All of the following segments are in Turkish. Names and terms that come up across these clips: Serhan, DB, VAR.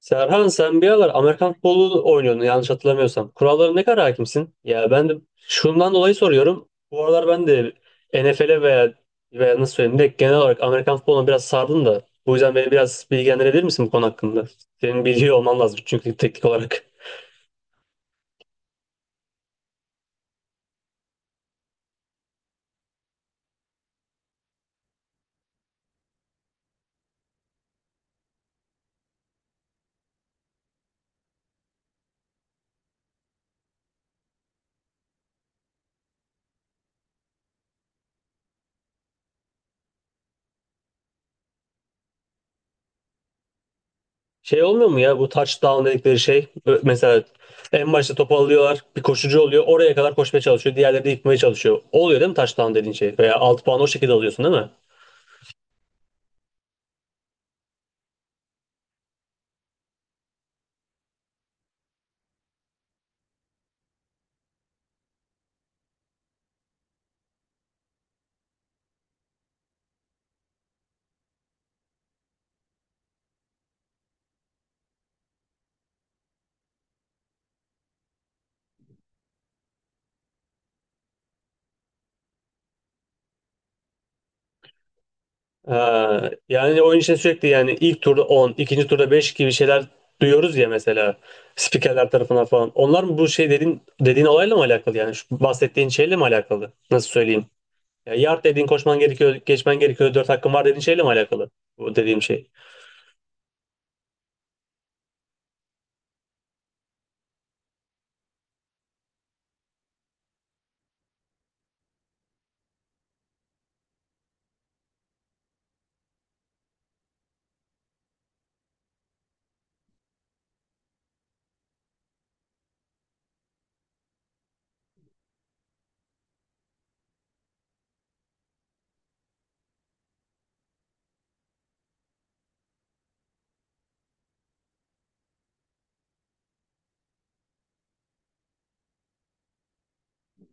Serhan sen bir aralar Amerikan futbolu oynuyordun yanlış hatırlamıyorsam. Kurallara ne kadar hakimsin? Ya ben de şundan dolayı soruyorum. Bu aralar ben de NFL'e veya nasıl söyleyeyim de genel olarak Amerikan futboluna biraz sardım da. Bu yüzden beni biraz bilgilendirebilir misin bu konu hakkında? Senin biliyor olman lazım çünkü teknik olarak. Şey olmuyor mu ya bu touchdown dedikleri şey? Mesela en başta topu alıyorlar bir koşucu oluyor oraya kadar koşmaya çalışıyor. Diğerleri de yıkmaya çalışıyor. Oluyor değil mi touchdown dediğin şey? Veya 6 puan o şekilde alıyorsun değil mi? Ha, yani oyun için sürekli yani ilk turda 10, ikinci turda 5 gibi şeyler duyuyoruz ya mesela spikerler tarafından falan. Onlar mı bu şey dediğin olayla mı alakalı yani? Şu bahsettiğin şeyle mi alakalı? Nasıl söyleyeyim? Ya yard dediğin koşman gerekiyor, geçmen gerekiyor, 4 hakkın var dediğin şeyle mi alakalı? Bu dediğim şey.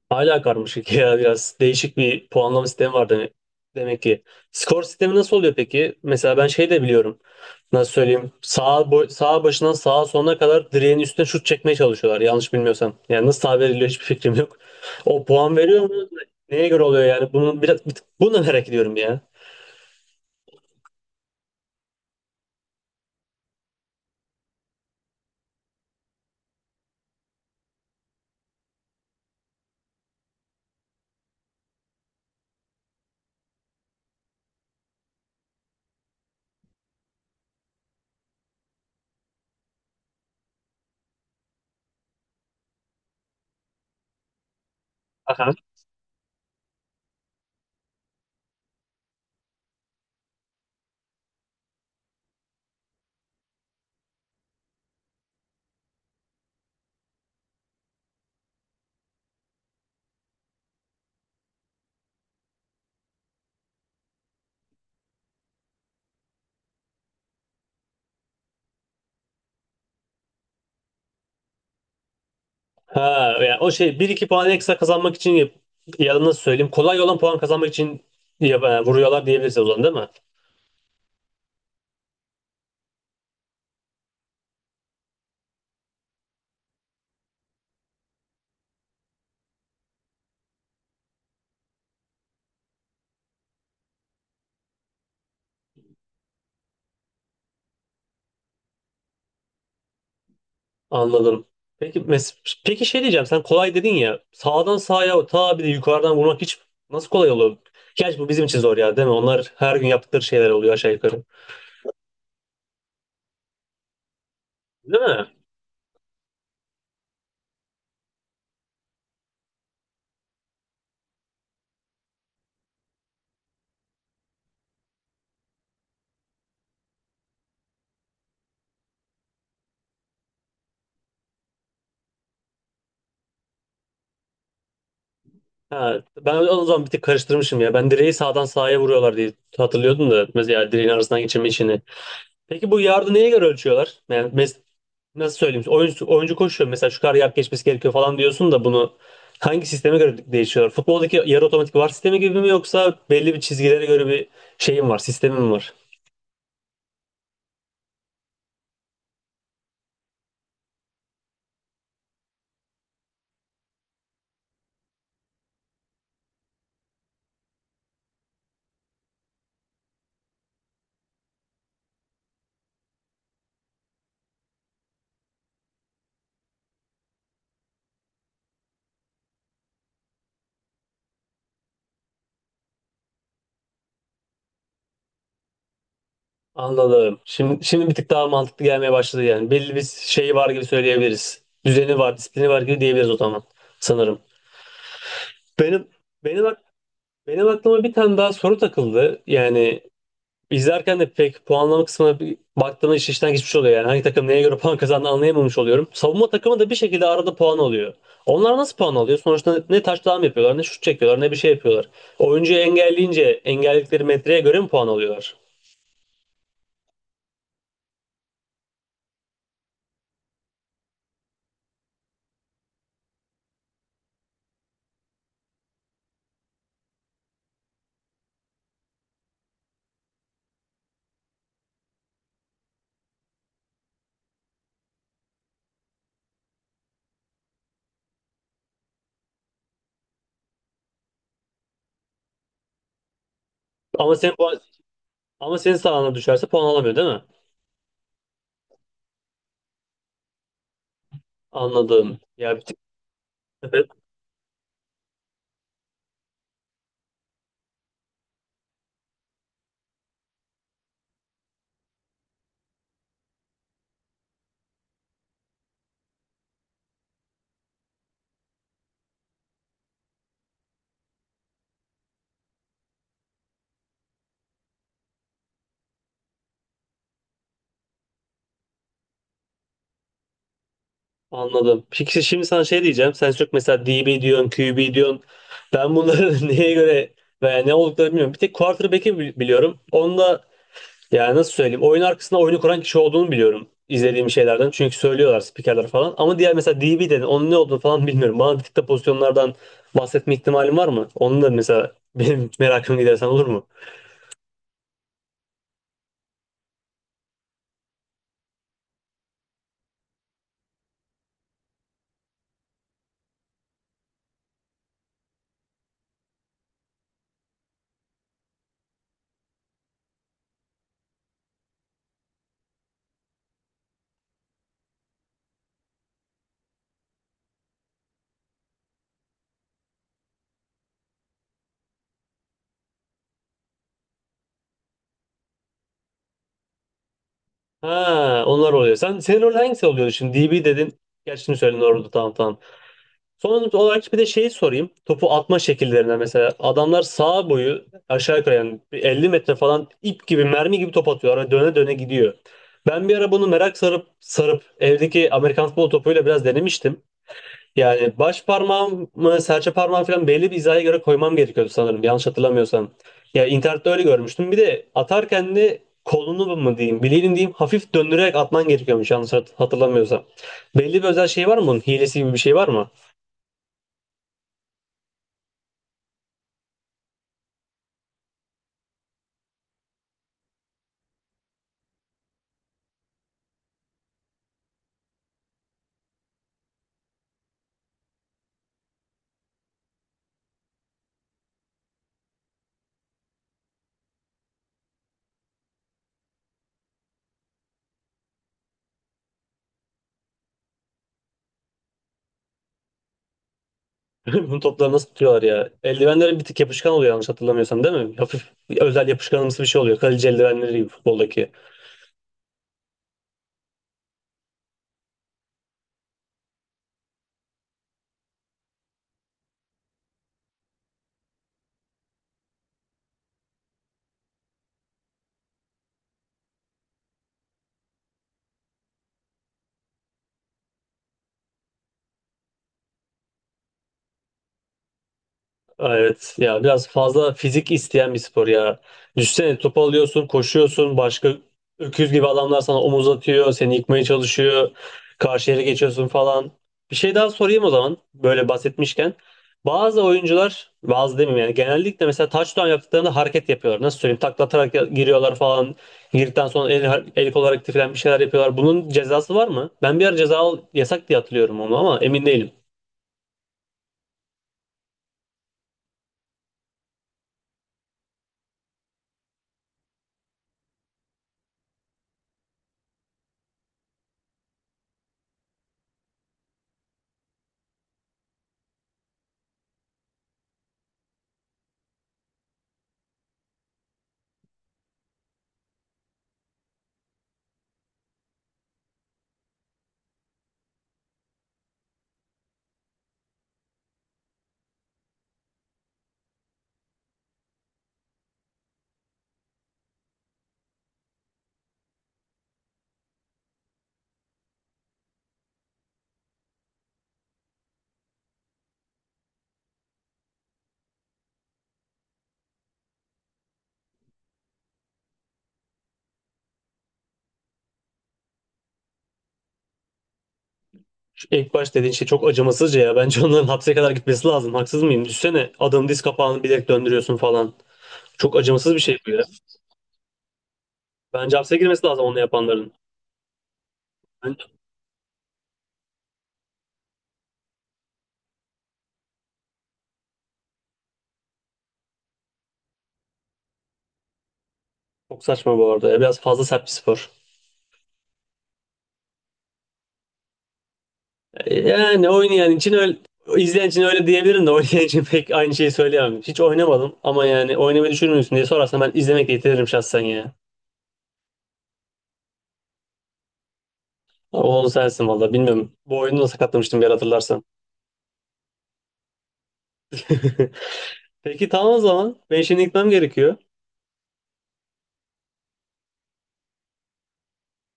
Hala karmaşık ya biraz değişik bir puanlama sistemi var demek ki. Skor sistemi nasıl oluyor peki? Mesela ben şey de biliyorum. Nasıl söyleyeyim? Sağ, boy, sağ başından sağa sonuna kadar direğin üstüne şut çekmeye çalışıyorlar yanlış bilmiyorsam. Yani nasıl sağ veriliyor hiçbir fikrim yok. O puan veriyor mu? Neye göre oluyor yani? Bunu biraz bunu da merak ediyorum ya. Aha. Ha, yani o şey bir iki puan ekstra kazanmak için ya da nasıl söyleyeyim? Kolay olan puan kazanmak için ya, vuruyorlar diyebiliriz o zaman değil mi? Anladım. Peki mes peki şey diyeceğim sen kolay dedin ya sağdan sağa ta bir de yukarıdan vurmak hiç nasıl kolay oluyor? Gerçi bu bizim için zor ya değil mi? Onlar her gün yaptıkları şeyler oluyor aşağı yukarı. Değil mi? Ha, ben o zaman bir tık karıştırmışım ya. Ben direği sağdan sağa vuruyorlar diye hatırlıyordum da mesela direğin arasından geçirme işini. Peki bu yardı neye göre ölçüyorlar? Yani nasıl söyleyeyim? Oyuncu koşuyor mesela şu kadar yard geçmesi gerekiyor falan diyorsun da bunu hangi sisteme göre değişiyor? Futboldaki yarı otomatik VAR sistemi gibi mi yoksa belli bir çizgilere göre bir şeyim var, sistemim var? Anladım. Şimdi bir tık daha mantıklı gelmeye başladı yani. Belli bir şey var gibi söyleyebiliriz. Düzeni var, disiplini var gibi diyebiliriz o zaman sanırım. Benim benim ak- benim aklıma bir tane daha soru takıldı. Yani İzlerken de pek puanlama kısmına bir baktığımda iş işten geçmiş oluyor yani. Hangi takım neye göre puan kazandı anlayamamış oluyorum. Savunma takımı da bir şekilde arada puan alıyor. Onlar nasıl puan alıyor? Sonuçta ne taçtan yapıyorlar, ne şut çekiyorlar, ne bir şey yapıyorlar. Oyuncuyu engelleyince engelledikleri metreye göre mi puan alıyorlar? Ama senin puan, ama senin sahana düşerse puan alamıyor değil mi? Anladım. Ya evet, anladım. Peki işte şimdi sana şey diyeceğim. Sen çok mesela DB diyorsun, Q B diyorsun. Ben bunları neye göre veya ne olduklarını bilmiyorum. Bir tek quarterback'i biliyorum. Onda yani nasıl söyleyeyim? Oyun arkasında oyunu kuran kişi olduğunu biliyorum izlediğim şeylerden. Çünkü söylüyorlar spikerler falan. Ama diğer mesela DB dedin onun ne olduğunu falan bilmiyorum. Bana bir tık da pozisyonlardan bahsetme ihtimalin var mı? Onu da mesela benim merakımı gidersen olur mu? Ha, onlar oluyor. Senin rol hangisi oluyordu şimdi? DB dedin. Gerçi şimdi söyledin orada tamam tamam. Son olarak bir de şeyi sorayım. Topu atma şekillerinden mesela. Adamlar sağ boyu aşağı yukarı yani bir 50 metre falan ip gibi mermi gibi top atıyorlar ve döne döne gidiyor. Ben bir ara bunu merak sarıp sarıp evdeki Amerikan futbol topuyla biraz denemiştim. Yani baş parmağımı, serçe parmağımı falan belli bir hizaya göre koymam gerekiyordu sanırım. Yanlış hatırlamıyorsam. Ya internette öyle görmüştüm. Bir de atarken de kolunu mu diyeyim, bileğini diyeyim hafif döndürerek atman gerekiyormuş yanlış hatırlamıyorsam. Belli bir özel şey var mı bunun? Hilesi gibi bir şey var mı? Bunun topları nasıl tutuyorlar ya? Eldivenlerin bir tık yapışkan oluyor yanlış hatırlamıyorsam değil mi? Hafif özel yapışkanımsı bir şey oluyor. Kaleci eldivenleri gibi futboldaki. Evet ya biraz fazla fizik isteyen bir spor ya. Düşsene topu alıyorsun, koşuyorsun, başka öküz gibi adamlar sana omuz atıyor, seni yıkmaya çalışıyor, karşı yere geçiyorsun falan. Bir şey daha sorayım o zaman böyle bahsetmişken. Bazı oyuncular, bazı demeyeyim yani genellikle mesela touchdown yaptıklarında hareket yapıyorlar. Nasıl söyleyeyim? Taklatarak giriyorlar falan. Girdikten sonra el kol hareketi falan bir şeyler yapıyorlar. Bunun cezası var mı? Ben bir ara yasak diye hatırlıyorum onu ama emin değilim. İlk baş dediğin şey çok acımasızca ya. Bence onların hapse kadar gitmesi lazım. Haksız mıyım? Düşsene adamın diz kapağını bilerek döndürüyorsun falan. Çok acımasız bir şey bu ya. Bence hapse girmesi lazım onu yapanların. Bence çok saçma bu arada. Ya. Biraz fazla sert bir spor. Yani oynayan için öyle izleyen için öyle diyebilirim de oynayan için pek aynı şeyi söyleyemem. Hiç oynamadım ama yani oynamayı düşünür müsün diye sorarsan ben izlemekle yetinirim şahsen ya. Ama onu sensin valla bilmiyorum. Bu oyunu da sakatlamıştım bir ara hatırlarsan. Peki tamam o zaman. Ben şimdi gitmem gerekiyor.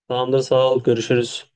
Tamamdır sağ ol görüşürüz.